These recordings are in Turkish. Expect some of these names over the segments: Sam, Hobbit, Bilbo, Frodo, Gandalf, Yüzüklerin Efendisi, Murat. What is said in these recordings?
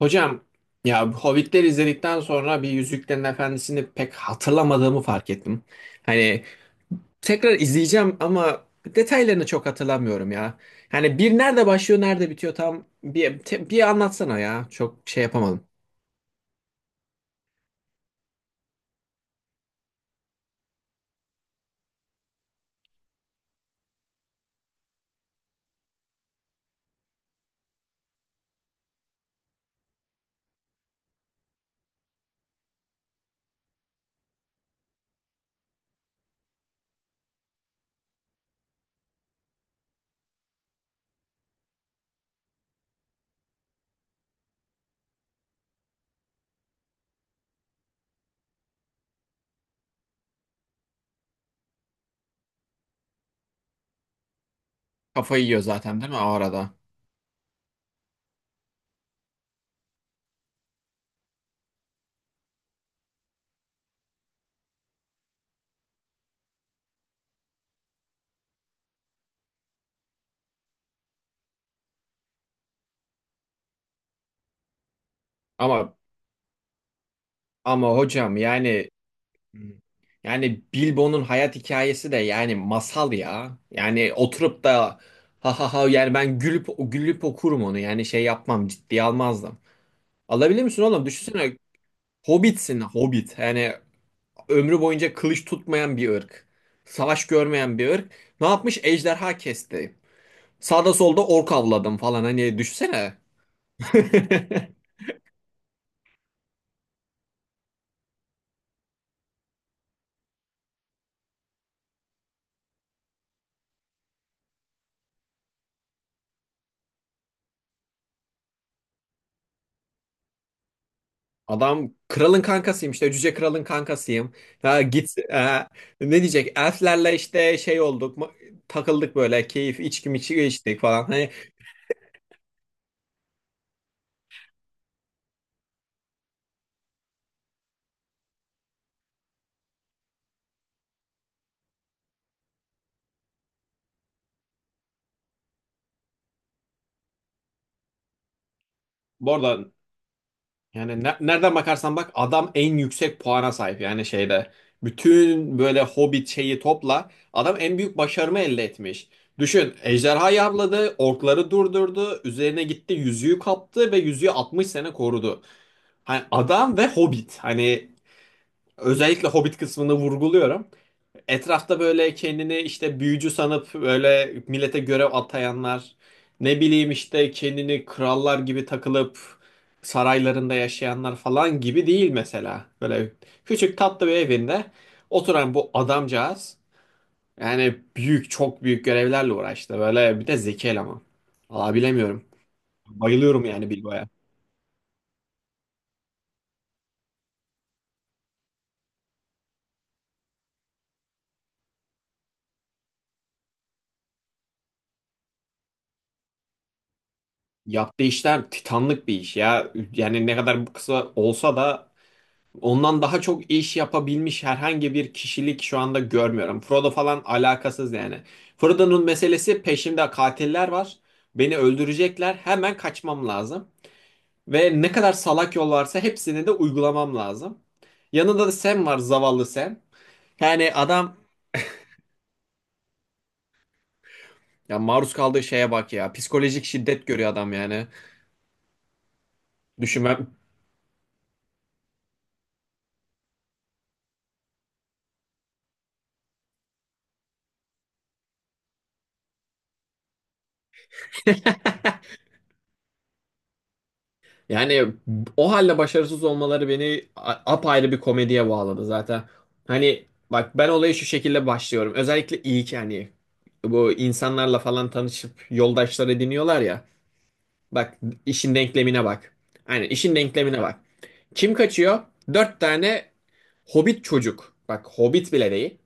Hocam ya Hobbitleri izledikten sonra bir Yüzüklerin Efendisi'ni pek hatırlamadığımı fark ettim. Hani tekrar izleyeceğim ama detaylarını çok hatırlamıyorum ya. Yani bir nerede başlıyor nerede bitiyor tam bir, bir anlatsana ya. Çok şey yapamadım. Kafayı yiyor zaten değil mi o arada? Ama ama hocam yani. Hmm. Yani Bilbo'nun hayat hikayesi de yani masal ya. Yani oturup da ha ha ha yani ben gülüp gülüp okurum onu. Yani şey yapmam ciddiye almazdım. Alabilir misin oğlum? Düşünsene Hobbit'sin Hobbit. Yani ömrü boyunca kılıç tutmayan bir ırk. Savaş görmeyen bir ırk. Ne yapmış? Ejderha kesti. Sağda solda ork avladım falan. Hani düşünsene. Adam kralın kankasıyım işte cüce kralın kankasıyım. Ha git ha, ne diyecek? Elflerle işte şey olduk takıldık böyle keyif içki miçki içtik falan. Hani bu arada yani nereden bakarsan bak adam en yüksek puana sahip yani şeyde. Bütün böyle Hobbit şeyi topla adam en büyük başarımı elde etmiş. Düşün ejderhayı avladı, orkları durdurdu, üzerine gitti yüzüğü kaptı ve yüzüğü 60 sene korudu. Hani adam ve Hobbit hani özellikle Hobbit kısmını vurguluyorum. Etrafta böyle kendini işte büyücü sanıp böyle millete görev atayanlar, ne bileyim işte kendini krallar gibi takılıp saraylarında yaşayanlar falan gibi değil mesela. Böyle küçük tatlı bir evinde oturan bu adamcağız yani büyük çok büyük görevlerle uğraştı. Böyle bir de zeki eleman. Valla bilemiyorum. Bayılıyorum yani Bilbo'ya. Yaptığı işler titanlık bir iş ya. Yani ne kadar bu kısa olsa da ondan daha çok iş yapabilmiş herhangi bir kişilik şu anda görmüyorum. Frodo falan alakasız yani. Frodo'nun meselesi peşimde katiller var. Beni öldürecekler. Hemen kaçmam lazım. Ve ne kadar salak yol varsa hepsini de uygulamam lazım. Yanında da Sam var, zavallı Sam. Yani adam, ya maruz kaldığı şeye bak ya. Psikolojik şiddet görüyor adam yani. Düşünme, yani o halde başarısız olmaları beni apayrı bir komediye bağladı zaten. Hani bak ben olaya şu şekilde başlıyorum. Özellikle ilk hani bu insanlarla falan tanışıp yoldaşlar ediniyorlar ya. Bak, işin denklemine bak. Hani işin denklemine bak. Kim kaçıyor? Dört tane hobbit çocuk. Bak, hobbit bile değil.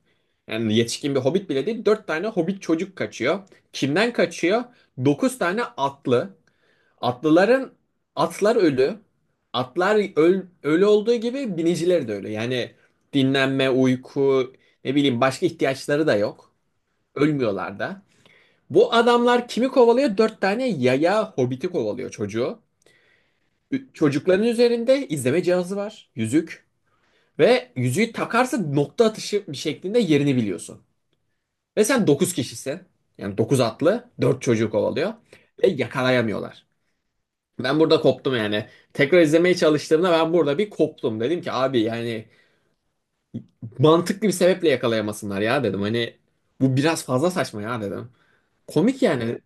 Yani yetişkin bir hobbit bile değil. Dört tane hobbit çocuk kaçıyor. Kimden kaçıyor? Dokuz tane atlı. Atlıların atlar ölü. Atlar ölü olduğu gibi biniciler de ölü. Yani dinlenme, uyku, ne bileyim başka ihtiyaçları da yok. Ölmüyorlar da. Bu adamlar kimi kovalıyor? Dört tane yaya hobiti kovalıyor, çocuğu. Çocukların üzerinde izleme cihazı var. Yüzük. Ve yüzüğü takarsa nokta atışı bir şeklinde yerini biliyorsun. Ve sen dokuz kişisin. Yani dokuz atlı, dört çocuğu kovalıyor. Ve yakalayamıyorlar. Ben burada koptum yani. Tekrar izlemeye çalıştığımda ben burada bir koptum. Dedim ki abi yani mantıklı bir sebeple yakalayamasınlar ya dedim. Hani bu biraz fazla saçma ya dedim. Komik yani.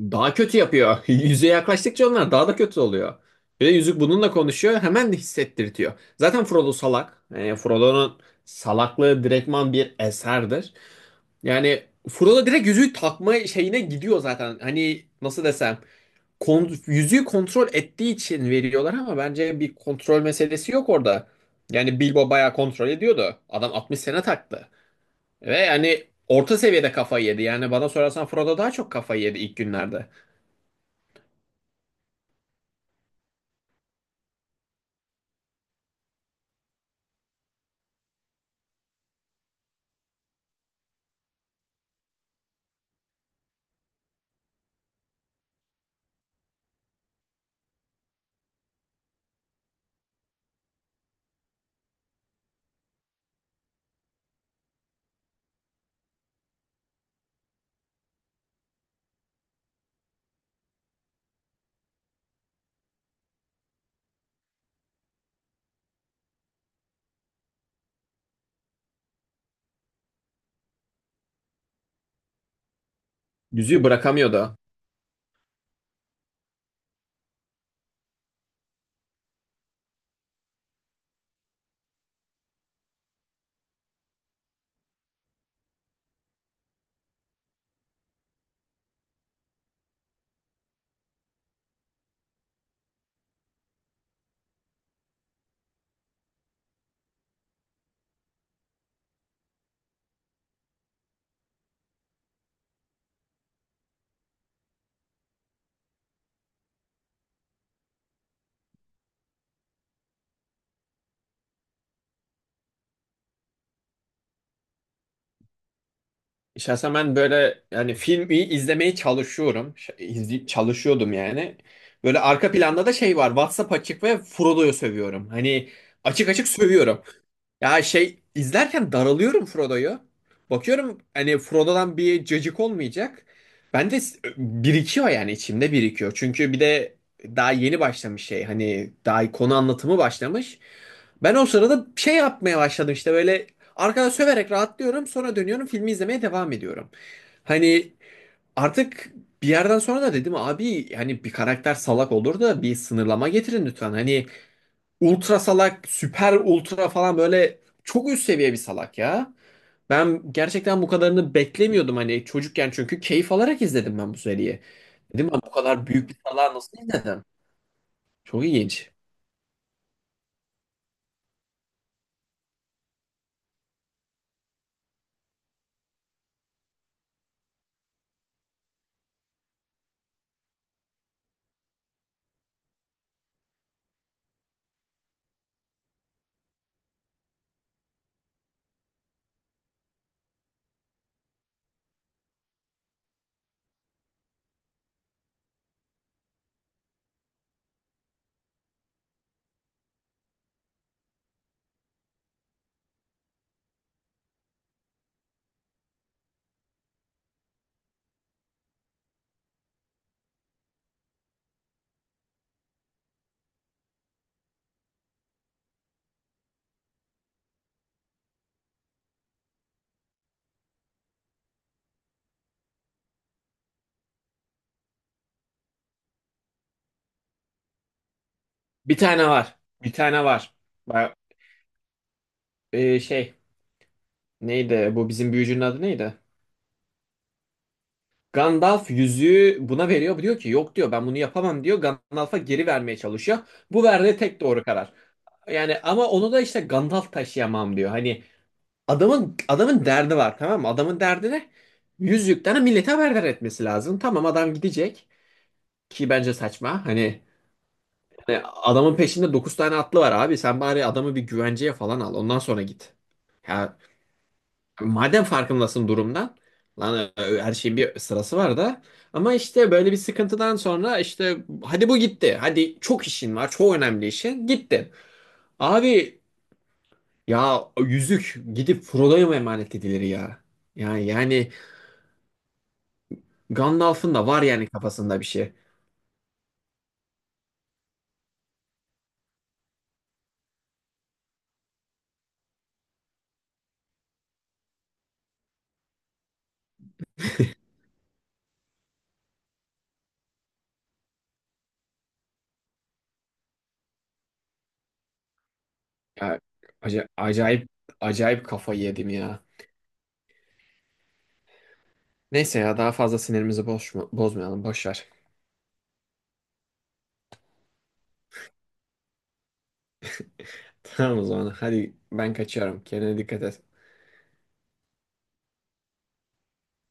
Daha kötü yapıyor. Yüzeye yaklaştıkça onlar daha da kötü oluyor. Bir de yüzük bununla konuşuyor. Hemen de hissettirtiyor. Zaten Frodo salak. Yani Frodo'nun salaklığı direktman bir eserdir. Yani Frodo direkt yüzüğü takma şeyine gidiyor zaten. Hani nasıl desem, yüzüğü kontrol ettiği için veriyorlar ama bence bir kontrol meselesi yok orada. Yani Bilbo bayağı kontrol ediyordu. Adam 60 sene taktı. Ve yani orta seviyede kafayı yedi. Yani bana sorarsan Frodo daha çok kafayı yedi ilk günlerde. Yüzüğü bırakamıyordu. Şahsen ben böyle yani filmi izlemeye çalışıyorum. Çalışıyordum yani. Böyle arka planda da şey var. WhatsApp açık ve Frodo'yu sövüyorum. Hani açık açık sövüyorum. Ya şey izlerken daralıyorum Frodo'yu. Bakıyorum hani Frodo'dan bir cacık olmayacak. Ben de birikiyor yani içimde birikiyor. Çünkü bir de daha yeni başlamış şey. Hani daha konu anlatımı başlamış. Ben o sırada şey yapmaya başladım işte, böyle arkada söverek rahatlıyorum. Sonra dönüyorum, filmi izlemeye devam ediyorum. Hani artık bir yerden sonra da dedim abi hani bir karakter salak olur da bir sınırlama getirin lütfen. Hani ultra salak, süper ultra falan böyle çok üst seviye bir salak ya. Ben gerçekten bu kadarını beklemiyordum hani çocukken, çünkü keyif alarak izledim ben bu seriyi. Dedim ben bu kadar büyük bir salağı nasıl izledim? Çok ilginç. Bir tane var. Bir tane var. Bak, şey neydi, bu bizim büyücünün adı neydi? Gandalf yüzüğü buna veriyor. Diyor ki yok diyor, ben bunu yapamam diyor. Gandalf'a geri vermeye çalışıyor. Bu verdiği tek doğru karar. Yani ama onu da işte Gandalf taşıyamam diyor. Hani adamın derdi var, tamam mı? Adamın derdi ne? Yüzükten millete haberdar etmesi lazım. Tamam adam gidecek ki bence saçma. Hani adamın peşinde 9 tane atlı var abi. Sen bari adamı bir güvenceye falan al. Ondan sonra git. Ya madem farkındasın durumdan. Lan her şeyin bir sırası var da. Ama işte böyle bir sıkıntıdan sonra işte hadi bu gitti. Hadi çok işin var. Çok önemli işin. Gitti. Abi ya yüzük gidip Frodo'ya mı emanet edilir ya? Yani Gandalf'ın da var yani kafasında bir şey. Ya, acayip acayip kafayı yedim ya. Neyse ya daha fazla sinirimizi bozmayalım. Boş ver. Tamam o zaman. Hadi ben kaçıyorum. Kendine dikkat et.